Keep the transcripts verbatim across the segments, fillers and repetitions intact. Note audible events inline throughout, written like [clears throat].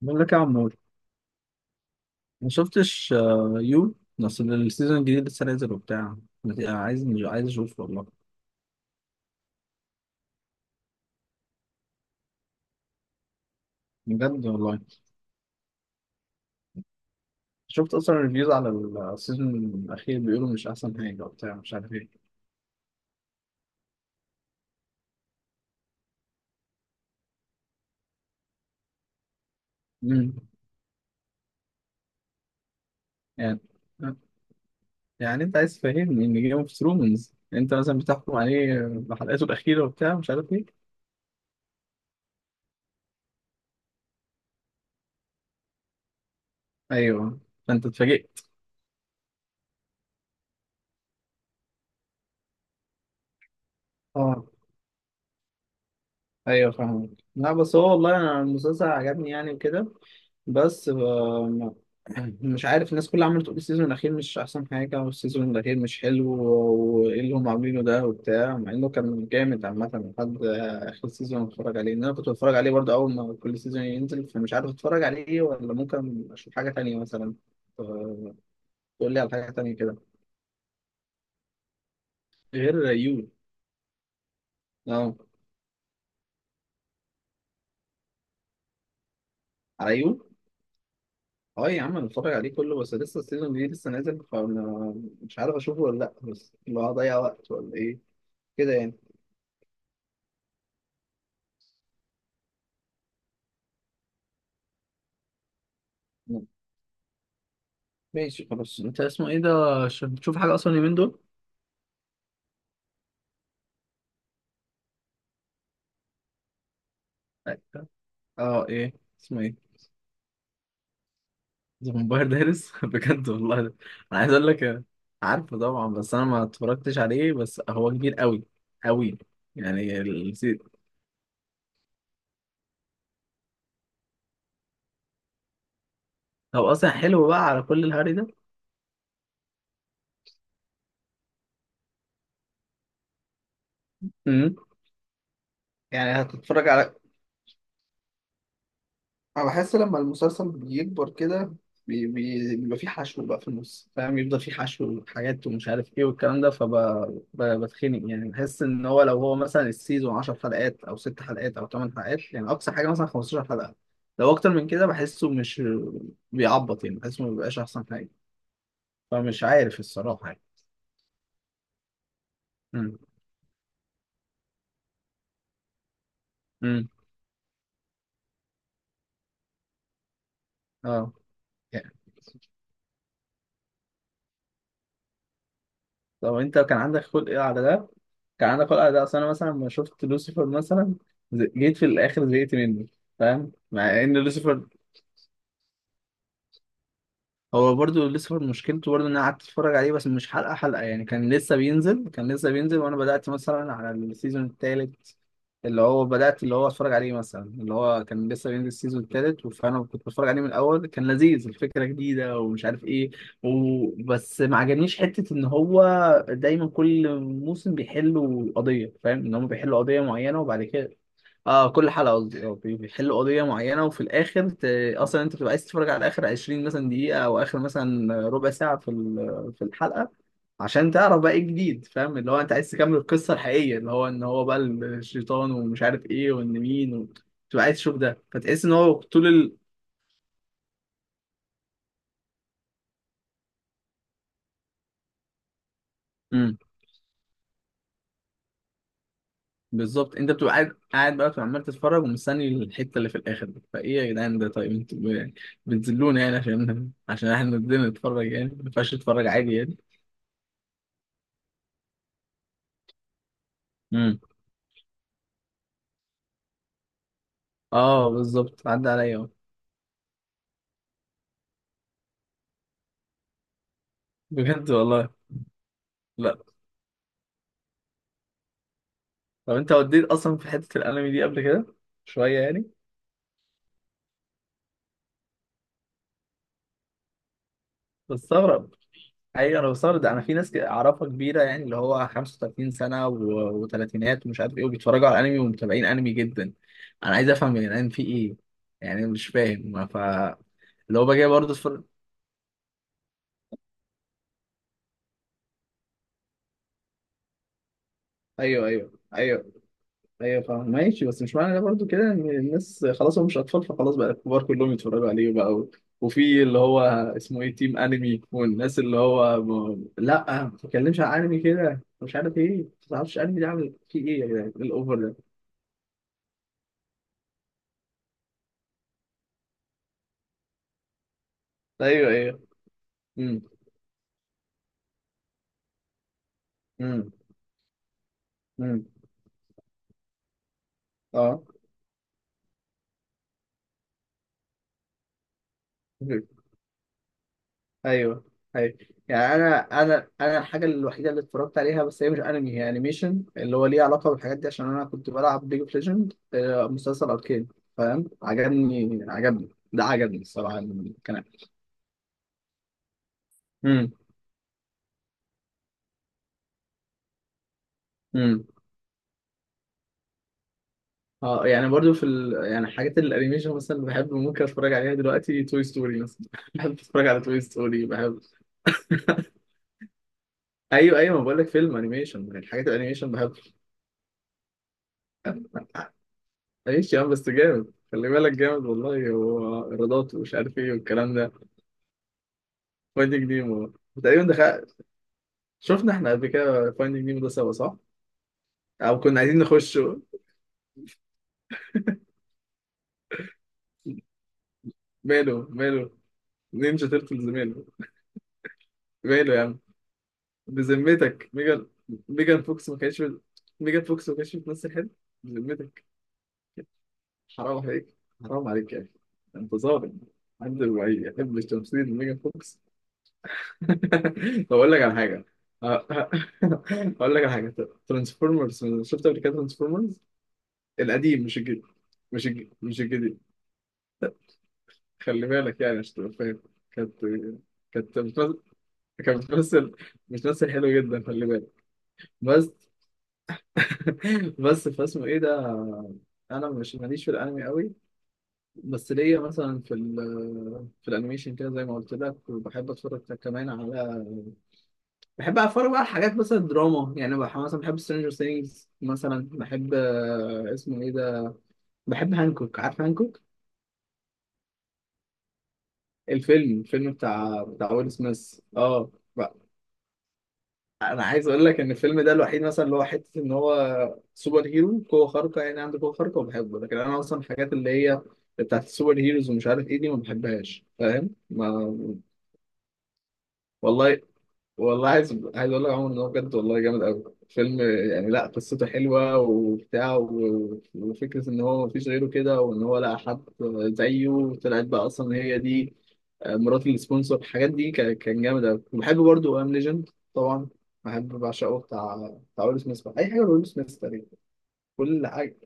بقول لك يا عمور، ما شفتش آه، يو. اصل السيزون الجديد لسه نازل وبتاع. مت- عايز عايز اشوف والله. بجد والله، شفت اصلا ريفيوز على السيزون الاخير، بيقولوا مش احسن حاجه وبتاع مش عارف ايه. امم يعني يعني انت عايز تفهمني ان جيم اوف ثرونز انت مثلا بتحكم عليه بحلقاته الاخيره وبتاع مش عارف ايه؟ ايوه، فانت اتفاجئت. اه ايوه فاهمك. لا بس هو والله انا المسلسل عجبني يعني وكده. بس ف- [clears throat] مش عارف، الناس كلها عماله تقول السيزون الاخير مش احسن حاجه والسيزون الاخير مش حلو، وايه اللي هم عاملينه ده وبتاع، مع انه كان جامد عامه لحد اخر سيزون اتفرج عليه، ان انا كنت بتفرج عليه برضه اول ما كل سيزون ينزل، فمش عارف اتفرج عليه ولا ممكن اشوف حاجه تانية مثلا. ف- تقول لي على حاجه تانية كده غير يو. اه على يو. اه يا عم انا بتفرج عليه كله، بس لسه السيزون جديد لسه نازل، فانا مش عارف اشوفه ولا لا، بس اللي هو هضيع وقت ولا ايه كده يعني. ماشي خلاص، انت اسمه ايه ده؟ عشان بتشوف حاجة اصلا اليومين دول؟ أيوة. اه ايه اسمه ايه؟ ذا فامباير دايرس؟ [laughs] بجد والله ده. انا عايز اقول لك، آه، عارفه طبعا، بس انا ما اتفرجتش عليه، بس هو كبير قوي قوي يعني ال- هو اصلا حلو بقى على كل الهري ده؟ امم، يعني هتتفرج على، انا بحس لما المسلسل بيكبر كده بي- بي- بيبقى فيه حشو بقى في النص، فاهم؟ يفضل فيه حشو وحاجات ومش عارف ايه والكلام ده، فبتخنق يعني، بحس ان هو لو هو مثلا السيزون عشرة حلقات او ستة حلقات او تمانية حلقات، يعني اقصى حاجه مثلا خمستاشر حلقه. لو اكتر من كده بحسه مش بيعبط يعني، بحسه ما بيبقاش احسن حاجه، فمش عارف الصراحه يعني. امم. امم. اه يعني. طب انت كان عندك خلق ايه على ده؟ كان عندك خلق ده؟ اصل انا مثلا لما شفت لوسيفر مثلا، ز- جيت في الاخر زهقت منه، فاهم؟ مع ان لوسيفر هو برضو لسه مشكلته برضو ان انا قعدت اتفرج عليه بس مش حلقه حلقه يعني، كان لسه بينزل، كان لسه بينزل وانا بدات مثلا على السيزون الثالث، اللي هو بدات اللي هو اتفرج عليه مثلا اللي هو كان لسه بينزل السيزون الثالث، فانا كنت بتفرج عليه من الاول، كان لذيذ، الفكره جديده ومش عارف ايه. وبس ما عجبنيش حته ان هو دايما كل موسم بيحلوا قضيه، فاهم؟ ان هم بيحلوا قضيه معينه وبعد كده، اه كل حلقه قصدي اه بي- بيحلوا قضيه معينه، وفي الاخر ت... اصلا انت بتبقى عايز تتفرج على اخر عشرين مثلا دقيقه او اخر مثلا ربع ساعه في ال- في الحلقه، عشان تعرف بقى ايه الجديد، فاهم؟ اللي هو انت عايز تكمل القصه الحقيقيه اللي هو ان هو بقى الشيطان ومش عارف ايه وان مين و... بتبقى عايز تشوف ده، فتحس ان هو طول ال... امم، بالظبط، انت بتبقى قاعد قاعد بقى، بتبقى عمال تتفرج ومستني الحته اللي في الاخر دي. فايه يا جدعان ده؟ طيب انتوا ب- بتذلونا يعني، عشان عشان احنا بدنا نتفرج؟ يعني ما ينفعش نتفرج عادي؟ يعني، اه بالظبط عدى عليا اهو. بجد والله؟ لا. طب انت وديت اصلا في حته الانمي دي قبل كده شويه يعني؟ بستغرب. ايوه انا بستغرب ده، انا في ناس كده اعرفها كبيره يعني اللي هو خمسة وتلاتين سنة سنه و- وثلاثينات ومش عارف ايه، وبيتفرجوا على انمي ومتابعين انمي جدا. انا عايز افهم يا جدعان في ايه يعني، أنا مش فاهم، ف اللي هو باجي برضه اتفرج. ايوه، ايوه، ايوه. ايوه فاهم ماشي، بس مش معنى ده برضو كده ان الناس خلاص هم مش اطفال فخلاص بقى الكبار كلهم يتفرجوا عليه بقى و... وفي اللي هو اسمه ايه تيم انمي، والناس اللي هو م... لا ما تتكلمش عن انمي كده مش عارف ايه، ما تعرفش انمي ده عامل فيه ايه، يا جدعان إيه الاوفر ده؟ ايوه ايوه. امم. امم. امم. اه، ايوه ايوه، يعني انا انا انا الحاجه الوحيده اللي اتفرجت عليها بس هي مش انمي، هي انيميشن، اللي هو ليه علاقه بالحاجات دي، عشان انا كنت بلعب ليج اوف ليجند، مسلسل اركين، فاهم؟ عجبني، عجبني ده عجبني الصراحه. كان، امم. امم. اه يعني برضو في ال... يعني حاجات الانيميشن مثلا اللي بحب ممكن اتفرج عليها دلوقتي، توي ستوري مثلا [laughs] بحب اتفرج على توي ستوري، بحب. ايوه ايوه، ما بقول لك فيلم انيميشن، الحاجات الانيميشن بحب. ايش يا عم بس جامد، خلي بالك جامد والله، ورادات ومش عارف ايه والكلام ده. فايندينج نيمو تقريبا دخل، شفنا احنا قبل كده فايندينج نيمو ده سوا، صح؟ او كنا عايزين نخش؟ ماله؟ ماله؟ نينجا تيرتلز ماله؟ ماله يا عم؟ بذمتك، ميجان. ميجان فوكس ما كانتش بت- ميجان فوكس ما كانتش بتمثل حلو؟ بذمتك! حرام عليك، حرام عليك يا اخي، انت ظالم، عند الوعي يحب التمثيل ميجان فوكس. [laughs] طب اقول لك على حاجه. أه- أه- [laughs] اقول لك على حاجه، ترانسفورمرز شفت قبل كده؟ ترانسفورمرز القديم مش الجديد، مش الجديد، مش الجديد، خلي بالك يعني مش تبقى فاهم. كانت، كانت بتمثل، كانت بتمثل، بتمثل حلو جدا خلي بالك. بس [laughs] بس فاسمه ايه ده. انا مش ماليش في الانمي قوي، بس ليا مثلا في ال في الانيميشن كده زي ما قلت لك، وبحب اتفرج كمان على، بحب اتفرج بقى على حاجات مثلا دراما يعني، بح- مثلا بحب سترينجر ثينجز، مثلا بحب آه، اسمه ايه ده، بحب هانكوك، عارف هانكوك؟ الفيلم، الفيلم بتاع بتاع ويل سميث، اه. انا عايز اقول لك ان الفيلم ده الوحيد مثلا اللي هو حته ان هو سوبر هيرو قوه خارقه يعني، عنده قوه خارقه وبحبه، لكن انا اصلا الحاجات اللي هي بتاعت السوبر هيروز ومش عارف ايه دي ما بحبهاش، فاهم؟ ما والله. والله عايز عايز اقول لك يا عمر ان هو بجد والله جامد قوي فيلم، يعني لا قصته حلوه وبتاع و- وفكره ان هو مفيش غيره كده، وان هو لقى حد زيه طلعت بقى اصلا هي دي آه، مرات السبونسر، الحاجات دي كان كان جامد قوي، وبحب برضه ام ليجند طبعا، بحب بعشقه، بتاع بتاع ويل سميث بقى. اي حاجه ويل سميث تقريبا كل حاجه.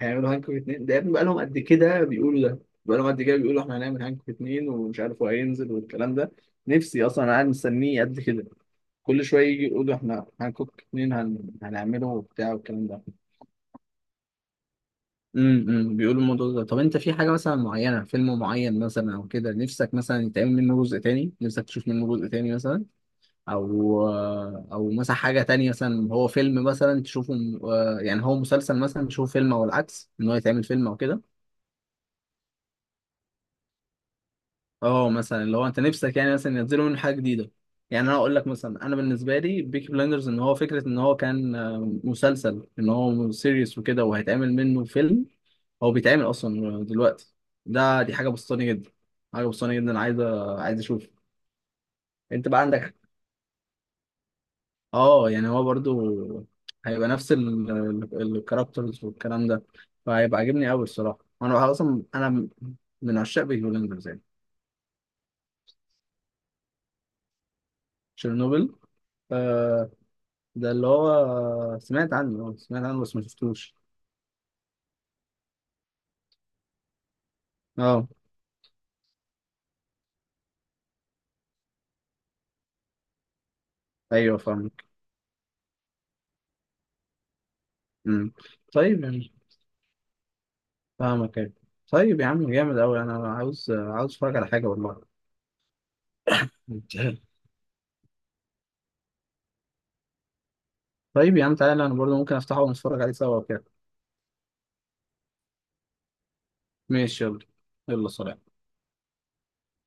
هيعملوا هانكوك اتنين ده؟ يا ابني بقى لهم قد كده بيقولوا ده، بقى لهم قد كده بيقولوا احنا هنعمل هانكوك اتنين ومش عارف هو هينزل والكلام ده. نفسي اصلا انا قاعد مستنيه قد كده، كل شويه يجي يقولوا احنا هنكوك اتنين هن... هنعمله وبتاع والكلام ده. امم، بيقولوا الموضوع ده. طب انت في حاجه مثلا معينه، فيلم معين مثلا او كده، نفسك مثلا يتعمل منه جزء تاني، نفسك تشوف منه جزء تاني مثلا، او او مثلا حاجه تانية مثلا، هو فيلم مثلا تشوفه م- آه، يعني هو مسلسل مثلا تشوفه فيلم، او العكس ان هو يتعمل فيلم او كده. اه مثلا لو انت نفسك يعني مثلا ينزلوا منه حاجه جديده، يعني انا اقول لك مثلا، انا بالنسبه لي بيكي بلاندرز ان هو فكره ان هو كان آه، مسلسل ان هو سيريس وكده وهيتعمل منه فيلم، هو بيتعمل اصلا دلوقتي، ده دي حاجه بسطاني جدا، حاجه بسطاني جدا انا عايز عايز اشوف. انت بقى عندك، اه يعني هو برضو هيبقى نفس ال- ال الكاركترز والكلام ده، فهيبقى عاجبني قوي الصراحه، وانا اصلا انا من عشاق بيكي بلاندرز يعني. تشيرنوبل، ده اللي هو سمعت عنه، اه سمعت عنه بس ما شفتوش. اه ايوه فاهمك. امم. طيب يعني، فاهمك ايوه. طيب يا عم جامد قوي، انا عاوز عاوز اتفرج على حاجه والله. [laughs] طيب يا عم تعالى، انا برضه ممكن افتحه ونتفرج عليه سوا وكده. ماشي، يلا. يلا سلام.